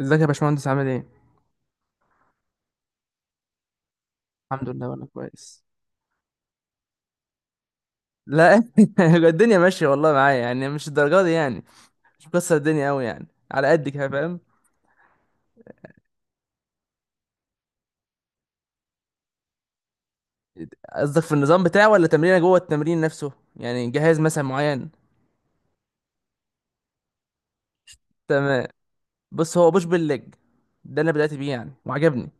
ازيك يا باشمهندس، عامل ايه؟ الحمد لله وانا كويس. لا الدنيا ماشية والله معايا، يعني مش الدرجة دي يعني. مش مكسر الدنيا قوي يعني، على قد كده فاهم. قصدك في النظام بتاعه ولا تمرينه جوه التمرين نفسه، يعني جهاز مثلا معين؟ تمام. بص، هو بوش بالليج. ده اللي بدأت بيه يعني وعجبني.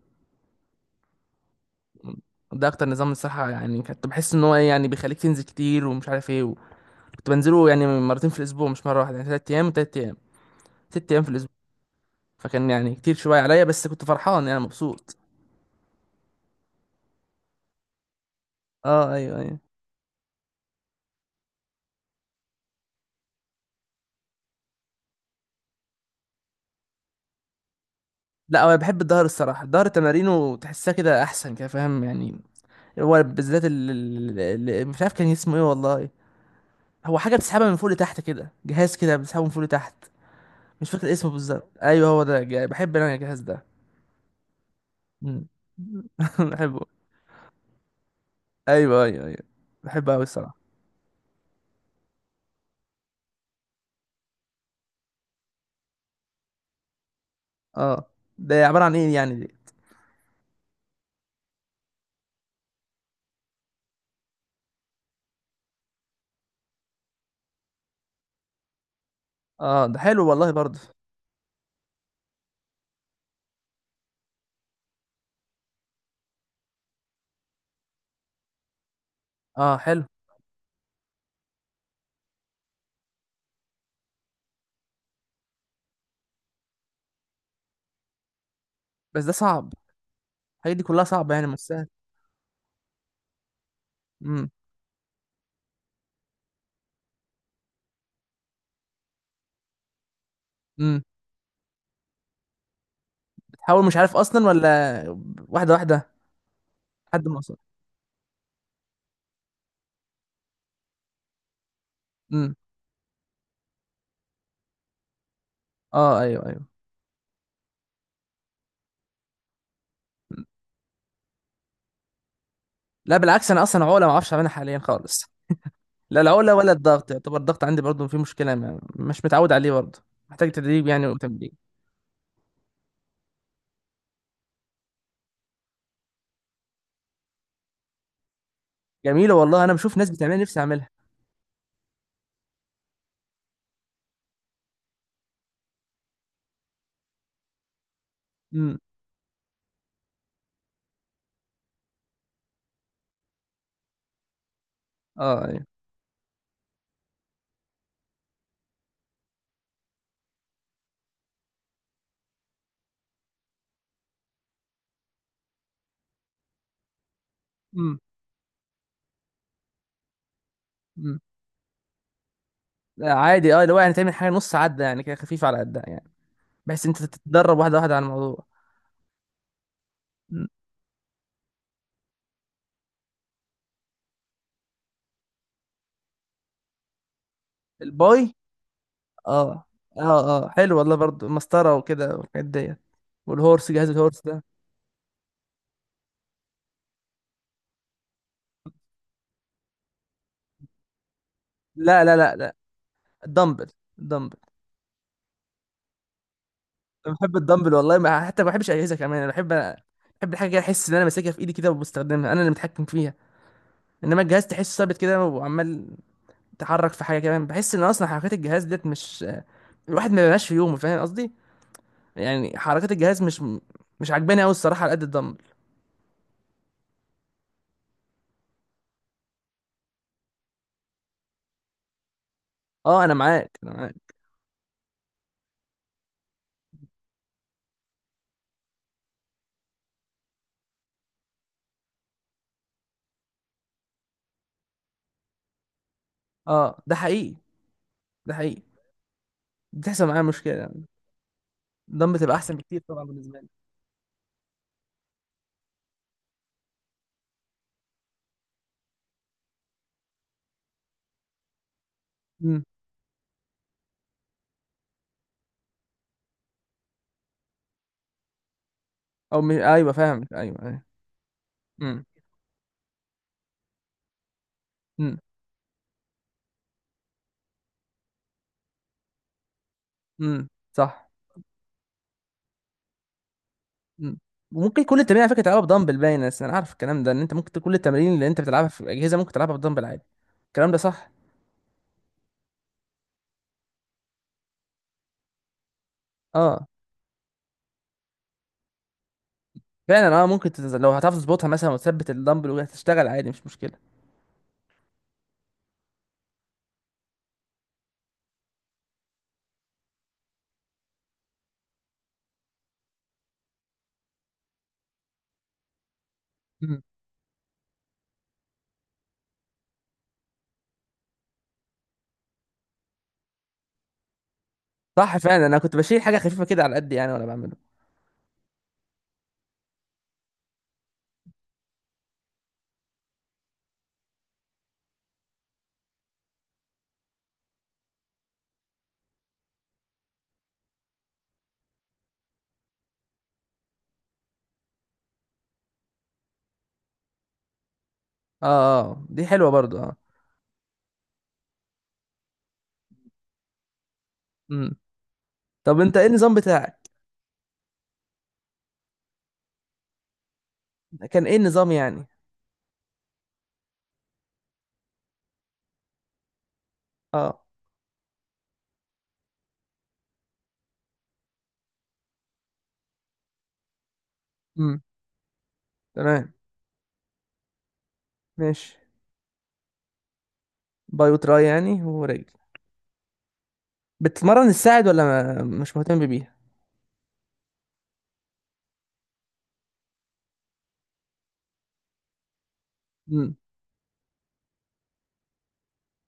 ده اكتر نظام الصراحة، يعني كنت بحس ان هو ايه يعني بيخليك تنزل كتير ومش عارف ايه. كنت بنزله يعني مرتين في الاسبوع مش مرة واحدة، يعني تلات ايام وتلات ايام، ست ايام في الاسبوع. فكان يعني كتير شوية عليا، بس كنت فرحان يعني مبسوط. اه ايوه ايوه. لا هو بحب الظهر الصراحه، الظهر تمارينه تحسها كده احسن كده فاهم يعني. هو بالذات مش عارف كان اسمه ايه والله. هو حاجه بتسحبها من فوق لتحت كده، جهاز كده بتسحبه من فوق لتحت. مش فاكر اسمه بالظبط. ايوه هو ده، بحب انا الجهاز ده. مم. بحبه. ايوه ايوه ايوه، بحبه قوي الصراحه. اه، ده عباره عن ايه يعني دي؟ اه ده حلو والله برضه. اه حلو، بس ده صعب. الحاجات دي كلها صعبه يعني مش سهل. امم. امم. بتحاول مش عارف اصلا ولا، واحده واحده لحد ما اوصل. اه ايوه ايوه. لا بالعكس، انا اصلا عقله ما اعرفش اعملها حاليا خالص. لا العقله ولا الضغط، يعتبر الضغط عندي برضه فيه مشكله، ما مش متعود عليه برضه، محتاج تدريب يعني وتمرين. جميله والله، انا بشوف ناس بتعملها نفسي اعملها. امم. اه ايوه. امم. امم. لا، عادي اه، اللي هو يعني تعمل حاجه نص عده يعني، كده خفيفه على قدها يعني، بحيث انت تتدرب واحده واحده على الموضوع. مم. الباي. اه اه اه حلو والله برضه مسطره وكده والحاجات ديت والهورس جهاز الهورس ده لا لا لا لا الدمبل الدمبل انا بحب الدمبل والله ما حتى ما بحبش اجهزه كمان انا بحب بحب الحاجه كده احس ان انا ماسكها في ايدي كده وبستخدمها انا اللي متحكم فيها انما الجهاز تحسه ثابت كده وعمال تحرك في حاجه كمان بحس ان اصلا حركات الجهاز ديت مش الواحد ما بيبقاش في يومه فاهم قصدي يعني حركات الجهاز مش مش عجباني قوي الصراحه على قد الدمبل اه انا معاك انا معاك اه ده حقيقي ده حقيقي بتحصل معايا مشكله يعني الدمبل تبقى احسن بكتير طبعا بالنسبه لي امم او م... ايوه فاهم ايوه ايوه امم امم صح مم. وممكن كل التمارين على فكره تلعبها بدمبل باين بس انا عارف الكلام ده ان انت ممكن كل التمارين اللي انت بتلعبها في الاجهزه ممكن تلعبها بدمبل عادي الكلام ده صح اه فعلا اه ممكن تتز... لو هتعرف تظبطها مثلا وتثبت الدمبل وهتشتغل عادي مش مشكله مم. صح فعلا انا كنت بشيل حاجه خفيفه كده على قد يعني وانا بعمله اه اه. آه، دي حلوه برضو اه. مم. طب انت ايه النظام بتاعك؟ كان ايه النظام يعني؟ اه. مم. تمام. ماشي. باي وتراي يعني ورجل. بتتمرن الساعد ولا ما... مش مهتم بيها؟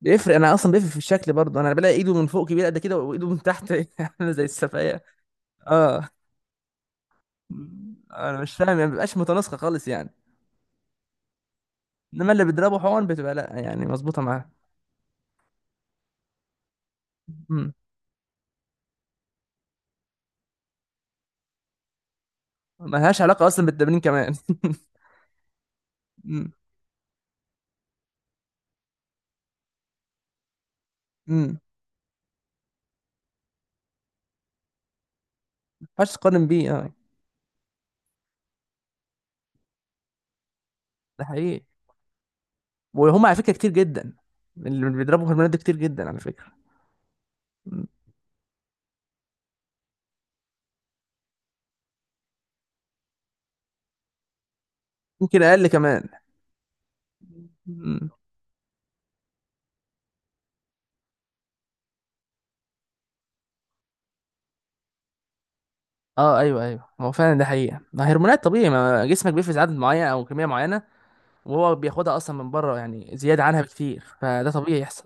بيفرق، انا اصلا بيفرق في الشكل برضه، انا بلاقي ايده من فوق كبيره قد كده وايده من تحت عامله زي السفايه. اه، انا مش فاهم يعني، ما بيبقاش متناسقه خالص يعني. انما اللي بيضربه حقن بتبقى لا يعني مظبوطه معاه. امم. ملهاش علاقه اصلا بالتمرين كمان امم. امم، ما ينفعش تقارن بيه اه. ده حقيقي. وهم على فكره كتير جدا، اللي بيضربوا هرمونات ده كتير جدا على فكره. مم. يمكن اقل كمان. مم. اه ايوه ايوه، هو فعلا ده حقيقه، ما هرمونات طبيعي ما جسمك بيفرز عدد معين او كميه معينه، وهو بياخدها اصلا من بره يعني زياده عنها بكتير، فده طبيعي يحصل.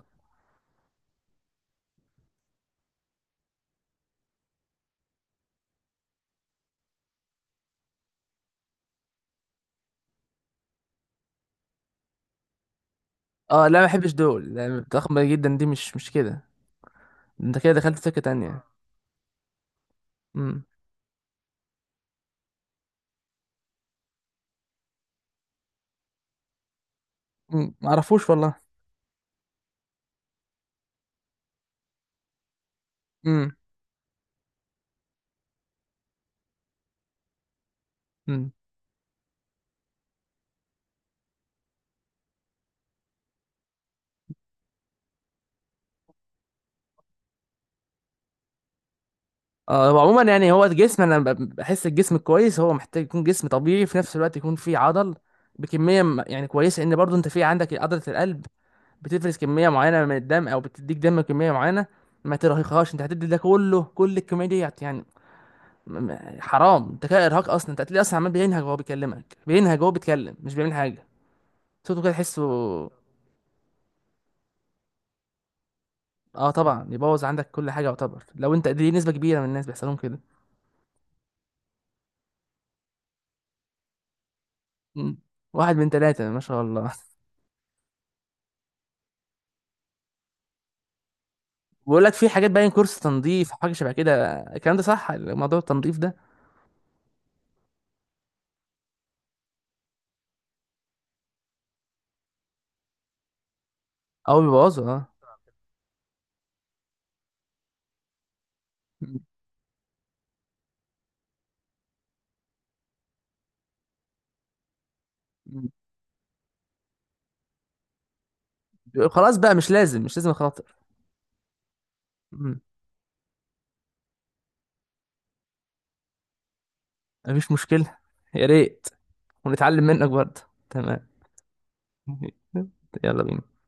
اه لا ما بحبش دول، لا، ضخمه جدا دي مش مش كده، انت كده دخلت سكه تانية. امم. أمم، ما اعرفوش والله. امم. امم. اه هو عموما يعني هو الجسم، انا بحس الجسم الكويس هو محتاج يكون جسم طبيعي، في نفس الوقت يكون فيه عضل بكميه يعني كويسه، ان برضو انت في عندك عضله القلب بتفرز كميه معينه من الدم او بتديك دم كميه معينه، ما ترهقهاش، انت هتدي ده كله كل الكميه دي يعني، حرام، انت كده ارهاق. اصلا انت هتلاقيه اصلا عمال بينهج وهو بيكلمك، بينهج وهو بيتكلم مش بيعمل حاجه، صوته كده تحسه. اه طبعا، يبوظ عندك كل حاجه يعتبر. لو انت دي نسبه كبيره من الناس بيحصلهم كده. مم. واحد من ثلاثه، ما شاء الله بقول لك في حاجات باين كورس تنظيف، حاجه شبه كده، الكلام ده صح، موضوع التنظيف ده؟ او بيبوظه اه. مم. مم. خلاص بقى، مش لازم مش لازم اخاطر. مم. مفيش مشكله، يا ريت، ونتعلم منك برضه. تمام. يلا بينا.